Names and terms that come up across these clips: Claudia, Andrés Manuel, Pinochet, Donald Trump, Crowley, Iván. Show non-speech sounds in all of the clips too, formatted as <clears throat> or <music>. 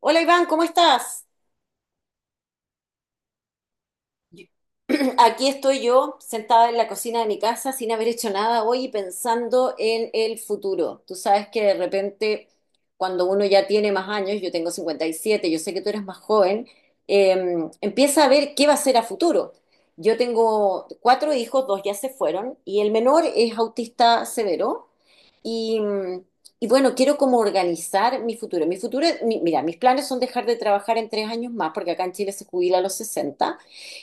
Hola Iván, ¿cómo estás? Yo- <clears throat> Aquí estoy yo, sentada en la cocina de mi casa sin haber hecho nada hoy y pensando en el futuro. Tú sabes que de repente, cuando uno ya tiene más años, yo tengo 57, yo sé que tú eres más joven, eh, empieza a ver qué va a ser a futuro. Yo tengo cuatro hijos, dos ya se fueron, y el menor es autista severo. Y, mm, y bueno, quiero como organizar mi futuro. Mi futuro, mira, mis planes son dejar de trabajar en 3 años más, porque acá en Chile se jubila a los 60.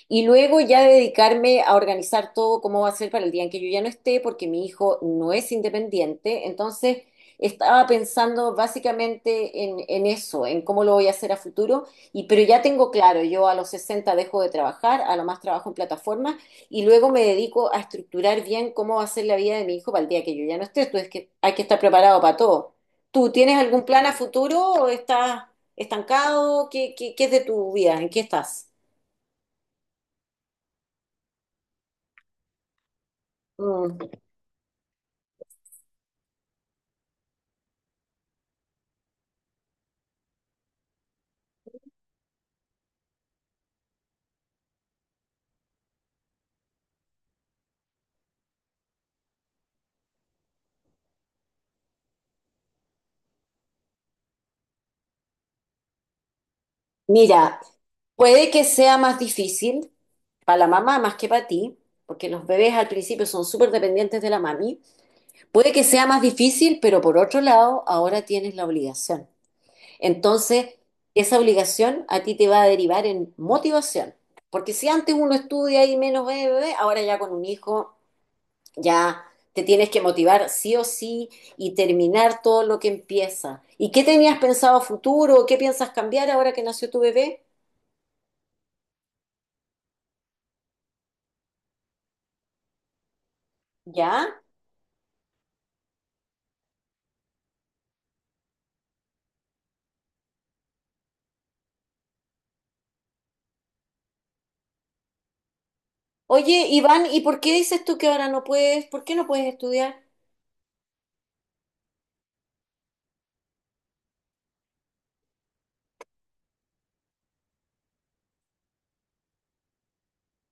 Y luego ya dedicarme a organizar todo cómo va a ser para el día en que yo ya no esté, porque mi hijo no es independiente. Entonces, estaba pensando básicamente en eso, en cómo lo voy a hacer a futuro. Y, pero ya tengo claro, yo a los 60 dejo de trabajar, a lo más trabajo en plataformas, y luego me dedico a estructurar bien cómo va a ser la vida de mi hijo para el día que yo ya no esté. Entonces, que hay que estar preparado para todo. ¿Tú tienes algún plan a futuro o estás estancado? ¿Qué es de tu vida? ¿En qué estás? Mm. Mira, puede que sea más difícil para la mamá más que para ti, porque los bebés al principio son súper dependientes de la mami. Puede que sea más difícil, pero por otro lado, ahora tienes la obligación. Entonces, esa obligación a ti te va a derivar en motivación. Porque si antes uno estudia y menos bebé, bebé, ahora ya con un hijo ya te tienes que motivar sí o sí y terminar todo lo que empieza. ¿Y qué tenías pensado a futuro? ¿Qué piensas cambiar ahora que nació tu bebé? ¿Ya? Oye, Iván, ¿y por qué dices tú que ahora no puedes? ¿Por qué no puedes estudiar?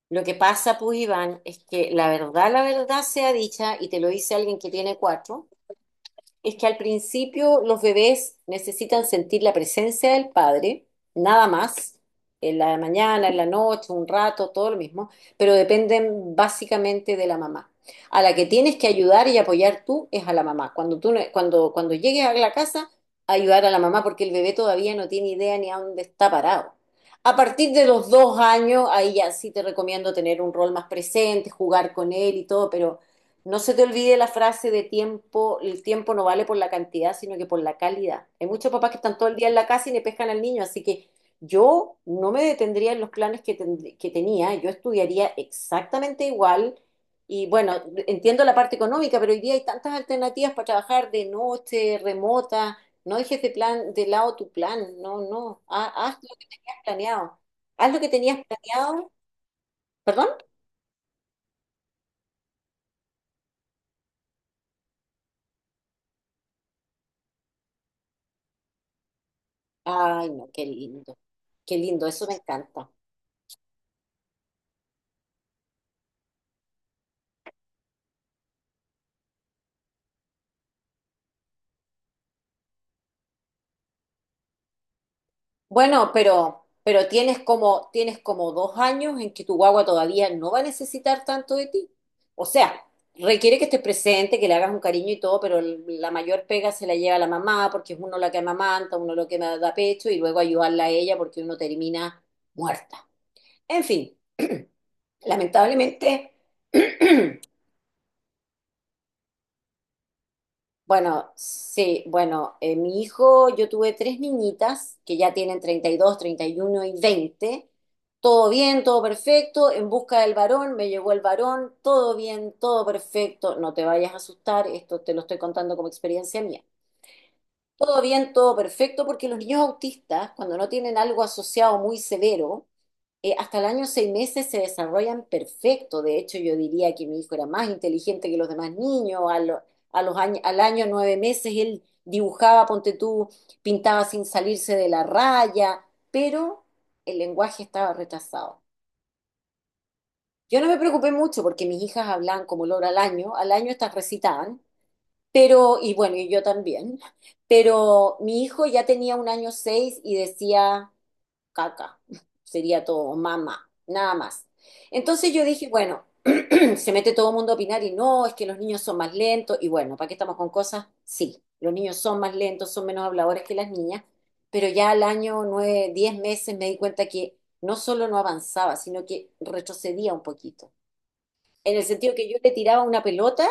Lo que pasa, pues, Iván, es que la verdad sea dicha, y te lo dice alguien que tiene cuatro, es que al principio los bebés necesitan sentir la presencia del padre, nada más, en la mañana, en la noche, un rato, todo lo mismo, pero dependen básicamente de la mamá. A la que tienes que ayudar y apoyar tú es a la mamá. Cuando tú, no- cuando, cuando llegues a la casa, ayudar a la mamá porque el bebé todavía no tiene idea ni a dónde está parado. A partir de los 2 años, ahí ya sí te recomiendo tener un rol más presente, jugar con él y todo, pero no se te olvide la frase de tiempo, el tiempo no vale por la cantidad, sino que por la calidad. Hay muchos papás que están todo el día en la casa y le pescan al niño, así que yo no me detendría en los planes que tenía, yo estudiaría exactamente igual. Y bueno, entiendo la parte económica, pero hoy día hay tantas alternativas para trabajar de noche, remota. No dejes de lado tu plan, no, no. Haz, lo que tenías planeado. Haz lo que tenías planeado. ¿Perdón? Ay, no, qué lindo. Qué lindo, eso me encanta. Bueno, pero tienes como dos años en que tu guagua todavía no va a necesitar tanto de ti. O sea, requiere que estés presente, que le hagas un cariño y todo, pero la mayor pega se la lleva la mamá, porque es uno la que amamanta, uno lo que da pecho, y luego ayudarla a ella porque uno termina muerta. En fin, <clears throat> lamentablemente, <clears throat> Bueno, sí, bueno, mi hijo, yo tuve tres niñitas que ya tienen 32, 31 y 20. Todo bien, todo perfecto, en busca del varón, me llegó el varón, todo bien, todo perfecto, no te vayas a asustar, esto te lo estoy contando como experiencia mía. Todo bien, todo perfecto, porque los niños autistas, cuando no tienen algo asociado muy severo, hasta el año 6 meses se desarrollan perfecto. De hecho, yo diría que mi hijo era más inteligente que los demás niños. A los años, al año 9 meses él dibujaba, ponte tú, pintaba sin salirse de la raya, pero el lenguaje estaba retrasado. Yo no me preocupé mucho porque mis hijas hablaban como loro al año. Al año estas recitaban, pero, y bueno, y yo también. <laughs> Pero mi hijo ya tenía un año seis y decía caca, sería todo, mamá, nada más. Entonces yo dije, bueno, <clears throat> se mete todo el mundo a opinar y no, es que los niños son más lentos y bueno, ¿para qué estamos con cosas? Sí, los niños son más lentos, son menos habladores que las niñas, pero ya al año 9, 10 meses me di cuenta que no solo no avanzaba, sino que retrocedía un poquito. En el sentido que yo le tiraba una pelota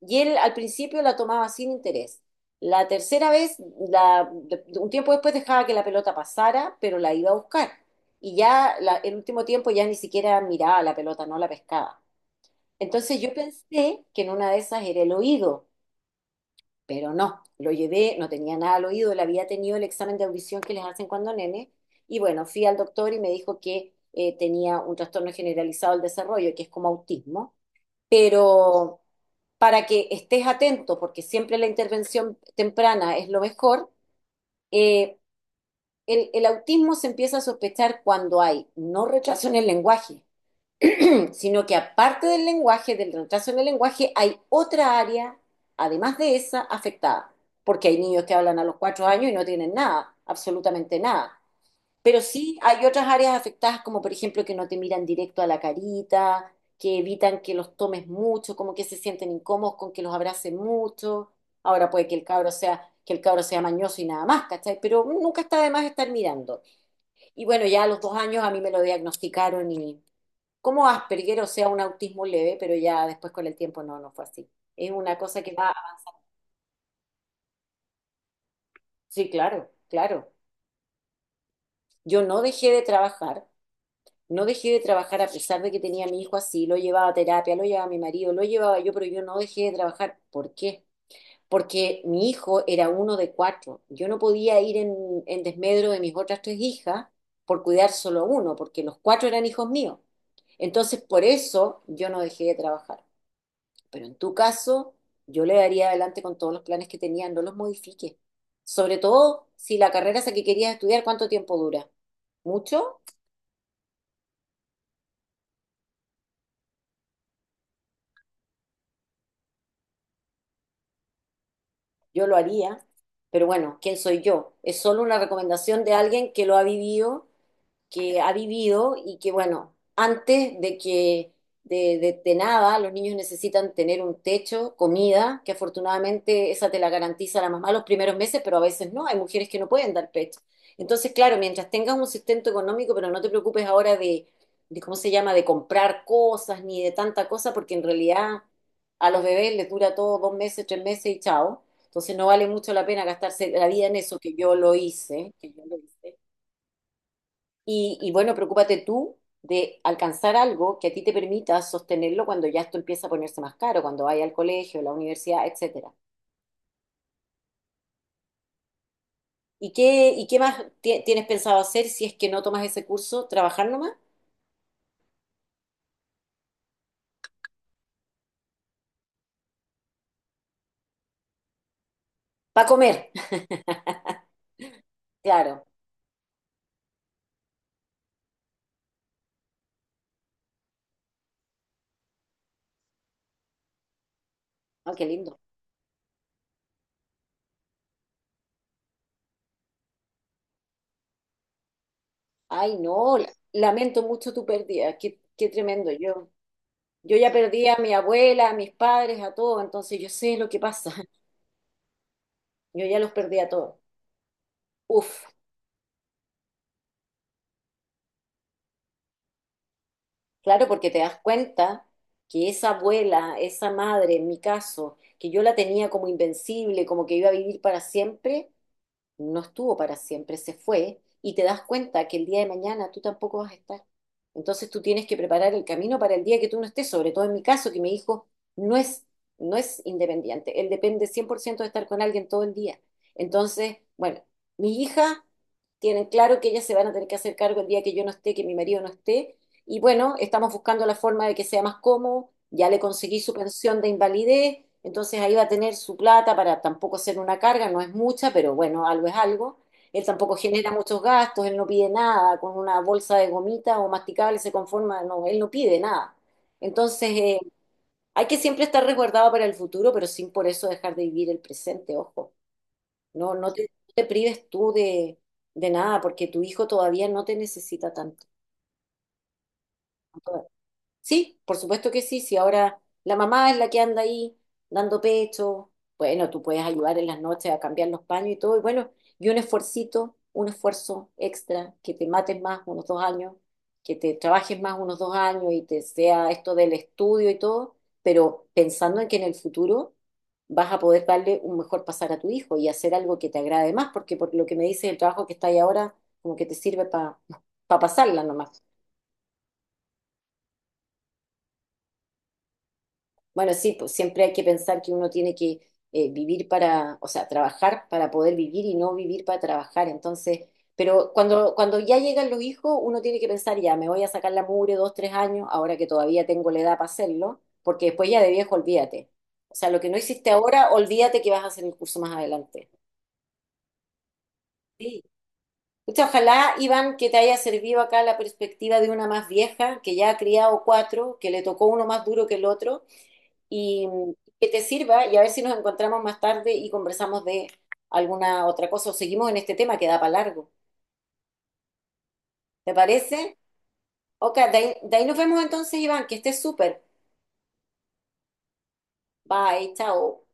y él al principio la tomaba sin interés. La tercera vez, un tiempo después dejaba que la pelota pasara, pero la iba a buscar. Y ya el último tiempo ya ni siquiera miraba la pelota, no la pescaba. Entonces yo pensé que en una de esas era el oído, pero no, lo llevé, no tenía nada al oído, le había tenido el examen de audición que les hacen cuando nene. Y bueno, fui al doctor y me dijo que tenía un trastorno generalizado del desarrollo, que es como autismo pero para que estés atento, porque siempre la intervención temprana es lo mejor. Eh, el, el autismo se empieza a sospechar cuando hay no retraso en el lenguaje, sino que aparte del lenguaje, del retraso en el lenguaje, hay otra área, además de esa, afectada, porque hay niños que hablan a los 4 años y no tienen nada, absolutamente nada. Pero sí hay otras áreas afectadas, como por ejemplo que no te miran directo a la carita, que evitan que los tomes mucho, como que se sienten incómodos con que los abracen mucho. Ahora puede que el cabro sea, que el cabro sea mañoso y nada más, ¿cachai? Pero nunca está de más estar mirando. Y bueno, ya a los 2 años a mí me lo diagnosticaron y como Asperger, o sea, un autismo leve, pero ya después con el tiempo no, no fue así. Es una cosa que va, sí, claro, claro. Yo no dejé de trabajar. No dejé de trabajar a pesar de que tenía a mi hijo así, lo llevaba a terapia, lo llevaba a mi marido, lo llevaba yo, pero yo no dejé de trabajar. ¿Por qué? Porque mi hijo era uno de cuatro. Yo no podía ir en desmedro de mis otras tres hijas por cuidar solo a uno, porque los cuatro eran hijos míos. Entonces, por eso yo no dejé de trabajar. Pero en tu caso, yo le daría adelante con todos los planes que tenía, no los modifiques. Sobre todo si la carrera esa que querías estudiar, ¿cuánto tiempo dura? ¿Mucho? Yo lo haría, pero bueno, ¿quién soy yo? Es solo una recomendación de alguien que lo ha vivido, que ha vivido y que, bueno, antes de que de nada, los niños necesitan tener un techo, comida, que afortunadamente esa te la garantiza la mamá los primeros meses, pero a veces no, hay mujeres que no pueden dar pecho. Entonces, claro, mientras tengas un sustento económico, pero no te preocupes ahora de ¿cómo se llama?, de comprar cosas ni de tanta cosa, porque en realidad a los bebés les dura todo 2 meses, 3 meses y chao. Entonces no vale mucho la pena gastarse la vida en eso, que yo lo hice, que yo lo hice. Y bueno, preocúpate tú de alcanzar algo que a ti te permita sostenerlo cuando ya esto empieza a ponerse más caro, cuando vaya al colegio, la universidad, etcétera. ¿Y qué más tienes pensado hacer si es que no tomas ese curso? ¿Trabajar nomás? Para comer. <laughs> Claro. Ah, qué lindo. Ay, no, lamento mucho tu pérdida. Qué tremendo. Yo ya perdí a mi abuela, a mis padres, a todo, entonces yo sé lo que pasa. <laughs> Yo ya los perdí a todos. Uf. Claro, porque te das cuenta que esa abuela, esa madre, en mi caso, que yo la tenía como invencible, como que iba a vivir para siempre, no estuvo para siempre, se fue, y te das cuenta que el día de mañana tú tampoco vas a estar. Entonces tú tienes que preparar el camino para el día que tú no estés, sobre todo en mi caso, que mi hijo no es, no es independiente, él depende 100% de estar con alguien todo el día. Entonces, bueno, mi hija tienen claro que ellas se van a tener que hacer cargo el día que yo no esté, que mi marido no esté y bueno, estamos buscando la forma de que sea más cómodo. Ya le conseguí su pensión de invalidez, entonces ahí va a tener su plata para tampoco ser una carga, no es mucha, pero bueno, algo es algo. Él tampoco genera muchos gastos, él no pide nada, con una bolsa de gomita o masticable se conforma, no, él no pide nada. Entonces, hay que siempre estar resguardado para el futuro, pero sin por eso dejar de vivir el presente, ojo. No, no te prives tú de nada, porque tu hijo todavía no te necesita tanto. ¿No? Sí, por supuesto que sí. Si ahora la mamá es la que anda ahí dando pecho, bueno, tú puedes ayudar en las noches a cambiar los paños y todo. Y bueno, y un esfuercito, un esfuerzo extra, que te mates más unos 2 años, que te trabajes más unos 2 años y te sea esto del estudio y todo, pero pensando en que en el futuro vas a poder darle un mejor pasar a tu hijo y hacer algo que te agrade más, porque por lo que me dices, el trabajo que está ahí ahora, como que te sirve para pasarla nomás. Bueno, sí, pues siempre hay que pensar que uno tiene que vivir para, o sea, trabajar para poder vivir y no vivir para trabajar. Entonces, pero cuando ya llegan los hijos, uno tiene que pensar, ya, me voy a sacar la mugre 2, 3 años, ahora que todavía tengo la edad para hacerlo, porque después ya de viejo, olvídate. O sea, lo que no hiciste ahora, olvídate que vas a hacer el curso más adelante. Sí. Pucha, ojalá, Iván, que te haya servido acá la perspectiva de una más vieja, que ya ha criado cuatro, que le tocó uno más duro que el otro y que te sirva y a ver si nos encontramos más tarde y conversamos de alguna otra cosa o seguimos en este tema que da para largo. ¿Te parece? Ok, de ahí nos vemos entonces, Iván, que estés súper. Bye, chao.